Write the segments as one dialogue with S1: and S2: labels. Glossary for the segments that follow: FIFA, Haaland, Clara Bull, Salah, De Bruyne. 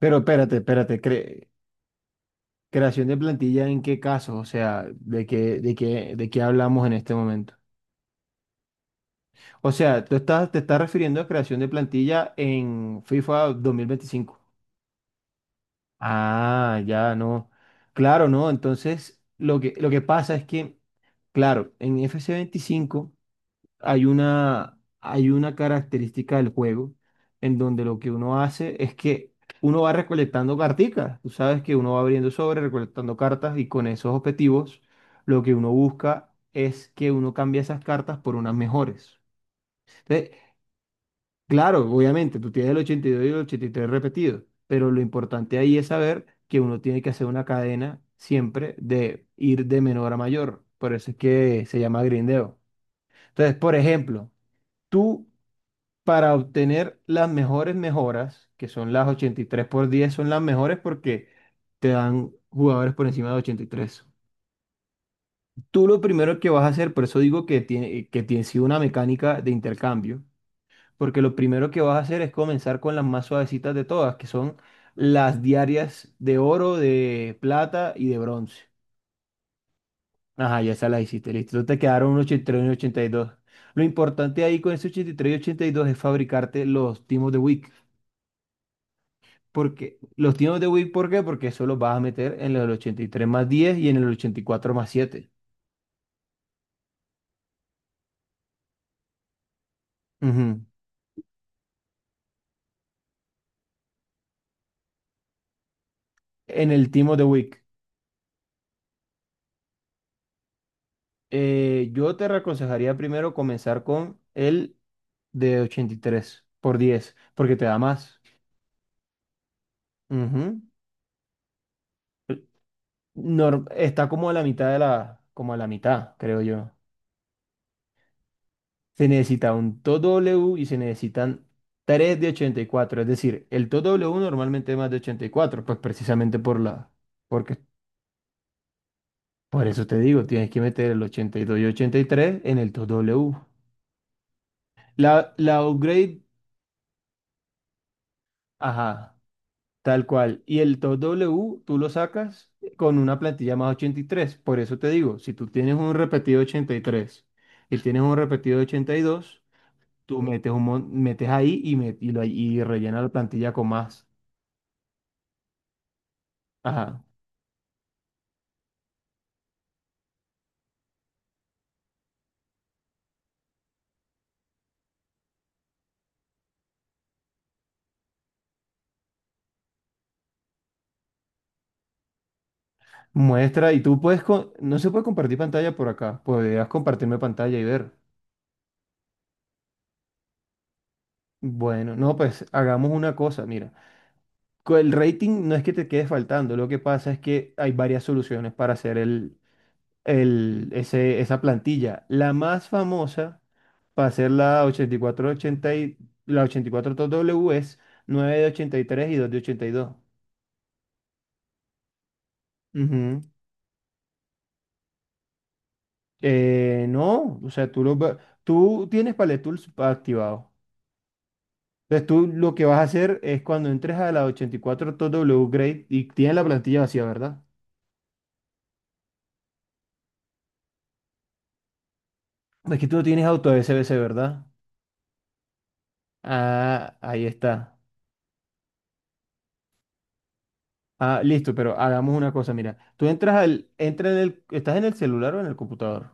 S1: Pero espérate, espérate, creación de plantilla ¿en qué caso? O sea, de qué hablamos en este momento? O sea, te estás refiriendo a creación de plantilla en FIFA 2025? Ah, ya, no. Claro, no. Entonces, lo que pasa es que, claro, en FC 25 hay una característica del juego en donde lo que uno hace es que uno va recolectando carticas. Tú sabes que uno va abriendo sobre, recolectando cartas y con esos objetivos lo que uno busca es que uno cambie esas cartas por unas mejores. Entonces, claro, obviamente, tú tienes el 82 y el 83 repetidos, pero lo importante ahí es saber que uno tiene que hacer una cadena siempre de ir de menor a mayor. Por eso es que se llama grindeo. Entonces, por ejemplo, tú, para obtener las mejores mejoras, que son las 83 por 10, son las mejores porque te dan jugadores por encima de 83. Tú lo primero que vas a hacer, por eso digo que tiene sido una mecánica de intercambio, porque lo primero que vas a hacer es comenzar con las más suavecitas de todas, que son las diarias de oro, de plata y de bronce. Ajá, ya esas las hiciste, listo. Entonces te quedaron un 83 y tres y un 82. Lo importante ahí con ese 83 y 82 es fabricarte los timos de week. Porque los tiempos de Wii, ¿por qué? Porque eso los vas a meter en el 83 más 10 y en el 84 más 7. Ujú. En el Team of the Week. Yo te aconsejaría primero comenzar con el de 83 por 10 porque te da más. Ujú. Está como a la mitad de la, como a la mitad, creo yo. Se necesita un TOW W y se necesitan 3 de 84. Es decir, el TOW W normalmente es más de 84, pues precisamente por la, porque. Por eso te digo, tienes que meter el 82 y 83 en el 2W. La upgrade, ajá, tal cual. Y el 2W tú lo sacas con una plantilla más 83. Por eso te digo, si tú tienes un repetido 83 y tienes un repetido 82, tú metes, un, mon- metes ahí y rellena la plantilla con más. Ajá. Muestra y no se puede compartir pantalla por acá. Podrías compartirme pantalla y ver. Bueno, no, pues hagamos una cosa, mira. El rating no es que te quede faltando, lo que pasa es que hay varias soluciones para hacer esa plantilla. La más famosa para hacer la 8480 y cuatro ochenta y, la 84W es 9 de 83 y 2 de 82. Ujú. No, o sea, tú tienes Palette Tools activado. Entonces tú lo que vas a hacer es cuando entres a la 84W Grade y tienes la plantilla vacía, ¿verdad? Es que tú no tienes auto SBC, ¿verdad? Ah, ahí está. Ah, listo, pero hagamos una cosa, mira. Tú entras al, entra en el, ¿estás en el celular o en el computador?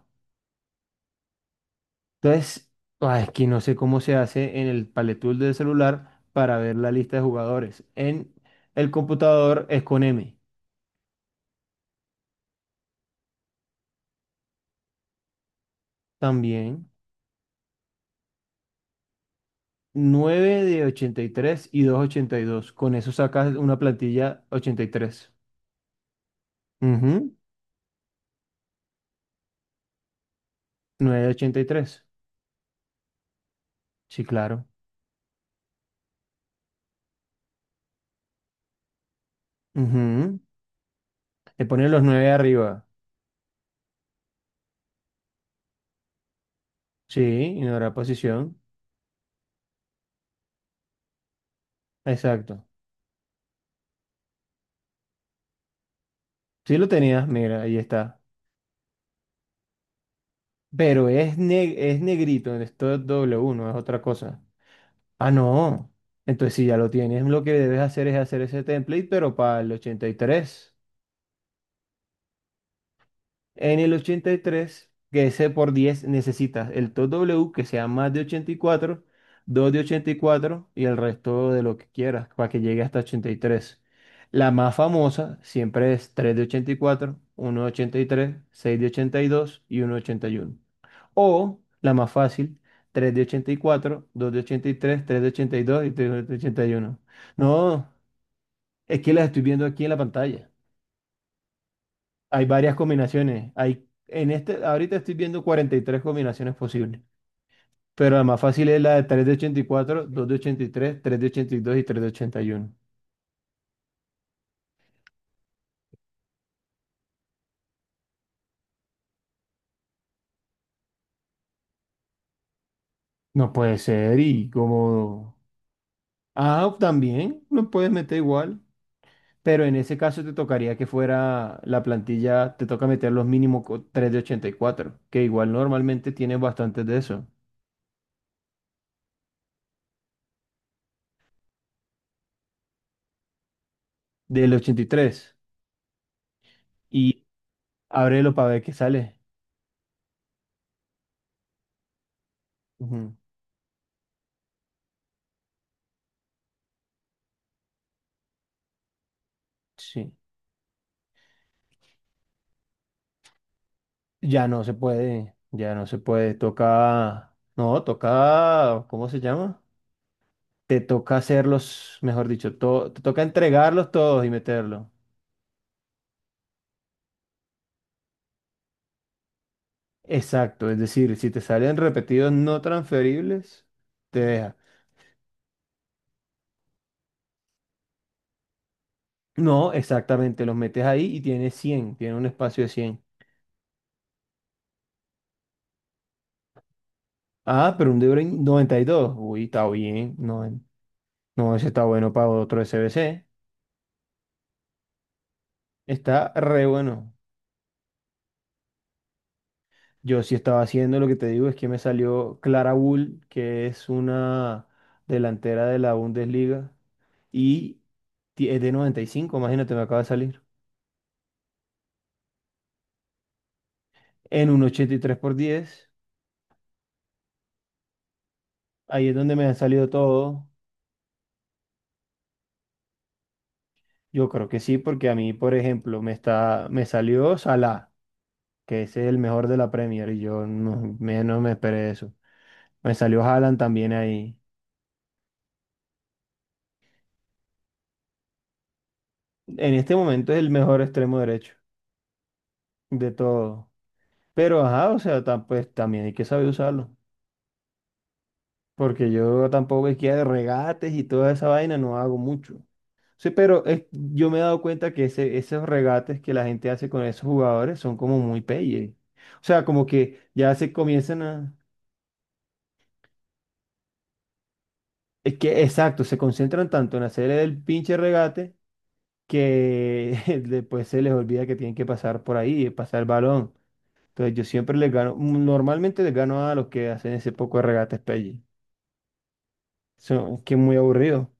S1: Entonces, ah, es que no sé cómo se hace en el Palette Tool del celular para ver la lista de jugadores. En el computador es con M. También 9 de 83 y dos de 82. Con eso sacas una plantilla 83. Ujú. 9 de ochenta y tres. Sí, claro. Ujú. Le pones los 9 arriba. Sí, ignorar posición. Exacto. Sí lo tenías, mira, ahí está. Pero es negrito, esto es doble uno, es otra cosa. Ah, no. Entonces, si ya lo tienes, lo que debes hacer es hacer ese template, pero para el 83. En el 83, que ese por 10 necesitas el top W que sea más de 84, 2 de 84 y cuatro y el resto de lo que quieras para que llegue hasta 83. La más famosa siempre es 3 de 84, uno de 83, 6 de 82 y dos y uno de 81. O la más fácil, 3 de 84, 2 de 83, tres de 82 y dos y tres de 81. No, es que las estoy viendo aquí en la pantalla. Hay varias combinaciones. Ahorita estoy viendo 43 combinaciones posibles. Pero la más fácil es la de 3 de 84, 2 de 83, tres de 82 y tres de 81. No puede ser. Y como. Ah, también lo puedes meter igual. Pero en ese caso te tocaría que fuera la plantilla, te toca meter los mínimos, 3 de 84, que igual normalmente tienes bastantes de eso, del 83. Y tres. Y ábrelo para ver qué sale. Ujú. Sí. Ya no se puede, ya no se puede, toca, no, toca, ¿cómo se llama? Te toca hacerlos, mejor dicho, te toca entregarlos todos y meterlos. Exacto, es decir, si te salen repetidos no transferibles, te deja. No, exactamente, los metes ahí y tienes 100, tiene un espacio de 100. Ah, pero un De Bruyne 92, uy, está bien. No, no, ese está bueno para otro SBC, está re bueno. Yo sí estaba haciendo lo que te digo, es que me salió Clara Bull, que es una delantera de la Bundesliga, y es de 95. Imagínate, me acaba de salir. En un 83 por 10. Ahí es donde me ha salido todo. Yo creo que sí, porque a mí, por ejemplo, me salió Salah, que es el mejor de la Premier, y yo no me esperé eso. Me salió Haaland también ahí. En este momento es el mejor extremo derecho de todo. Pero ajá, o sea, pues también hay que saber usarlo. Porque yo tampoco es que de regates y toda esa vaina no hago mucho. Sí, pero yo me he dado cuenta que esos regates que la gente hace con esos jugadores son como muy peyes. O sea, como que ya se comienzan a. Es que, exacto, se concentran tanto en hacer el pinche regate que después se les olvida que tienen que pasar por ahí, pasar el balón. Entonces yo siempre les gano, normalmente les gano a los que hacen ese poco de regates peyes. Son, que es muy aburrido.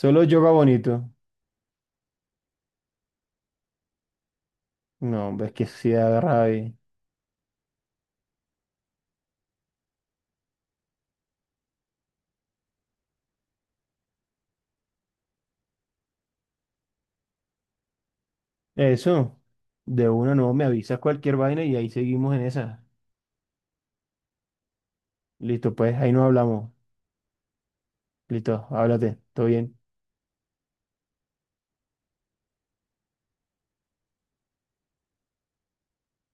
S1: Solo yoga bonito. No, hombre, es que si agarra ahí. Eso, de una no me avisas cualquier vaina y ahí seguimos en esa. Listo, pues ahí nos hablamos. Listo, háblate, todo bien.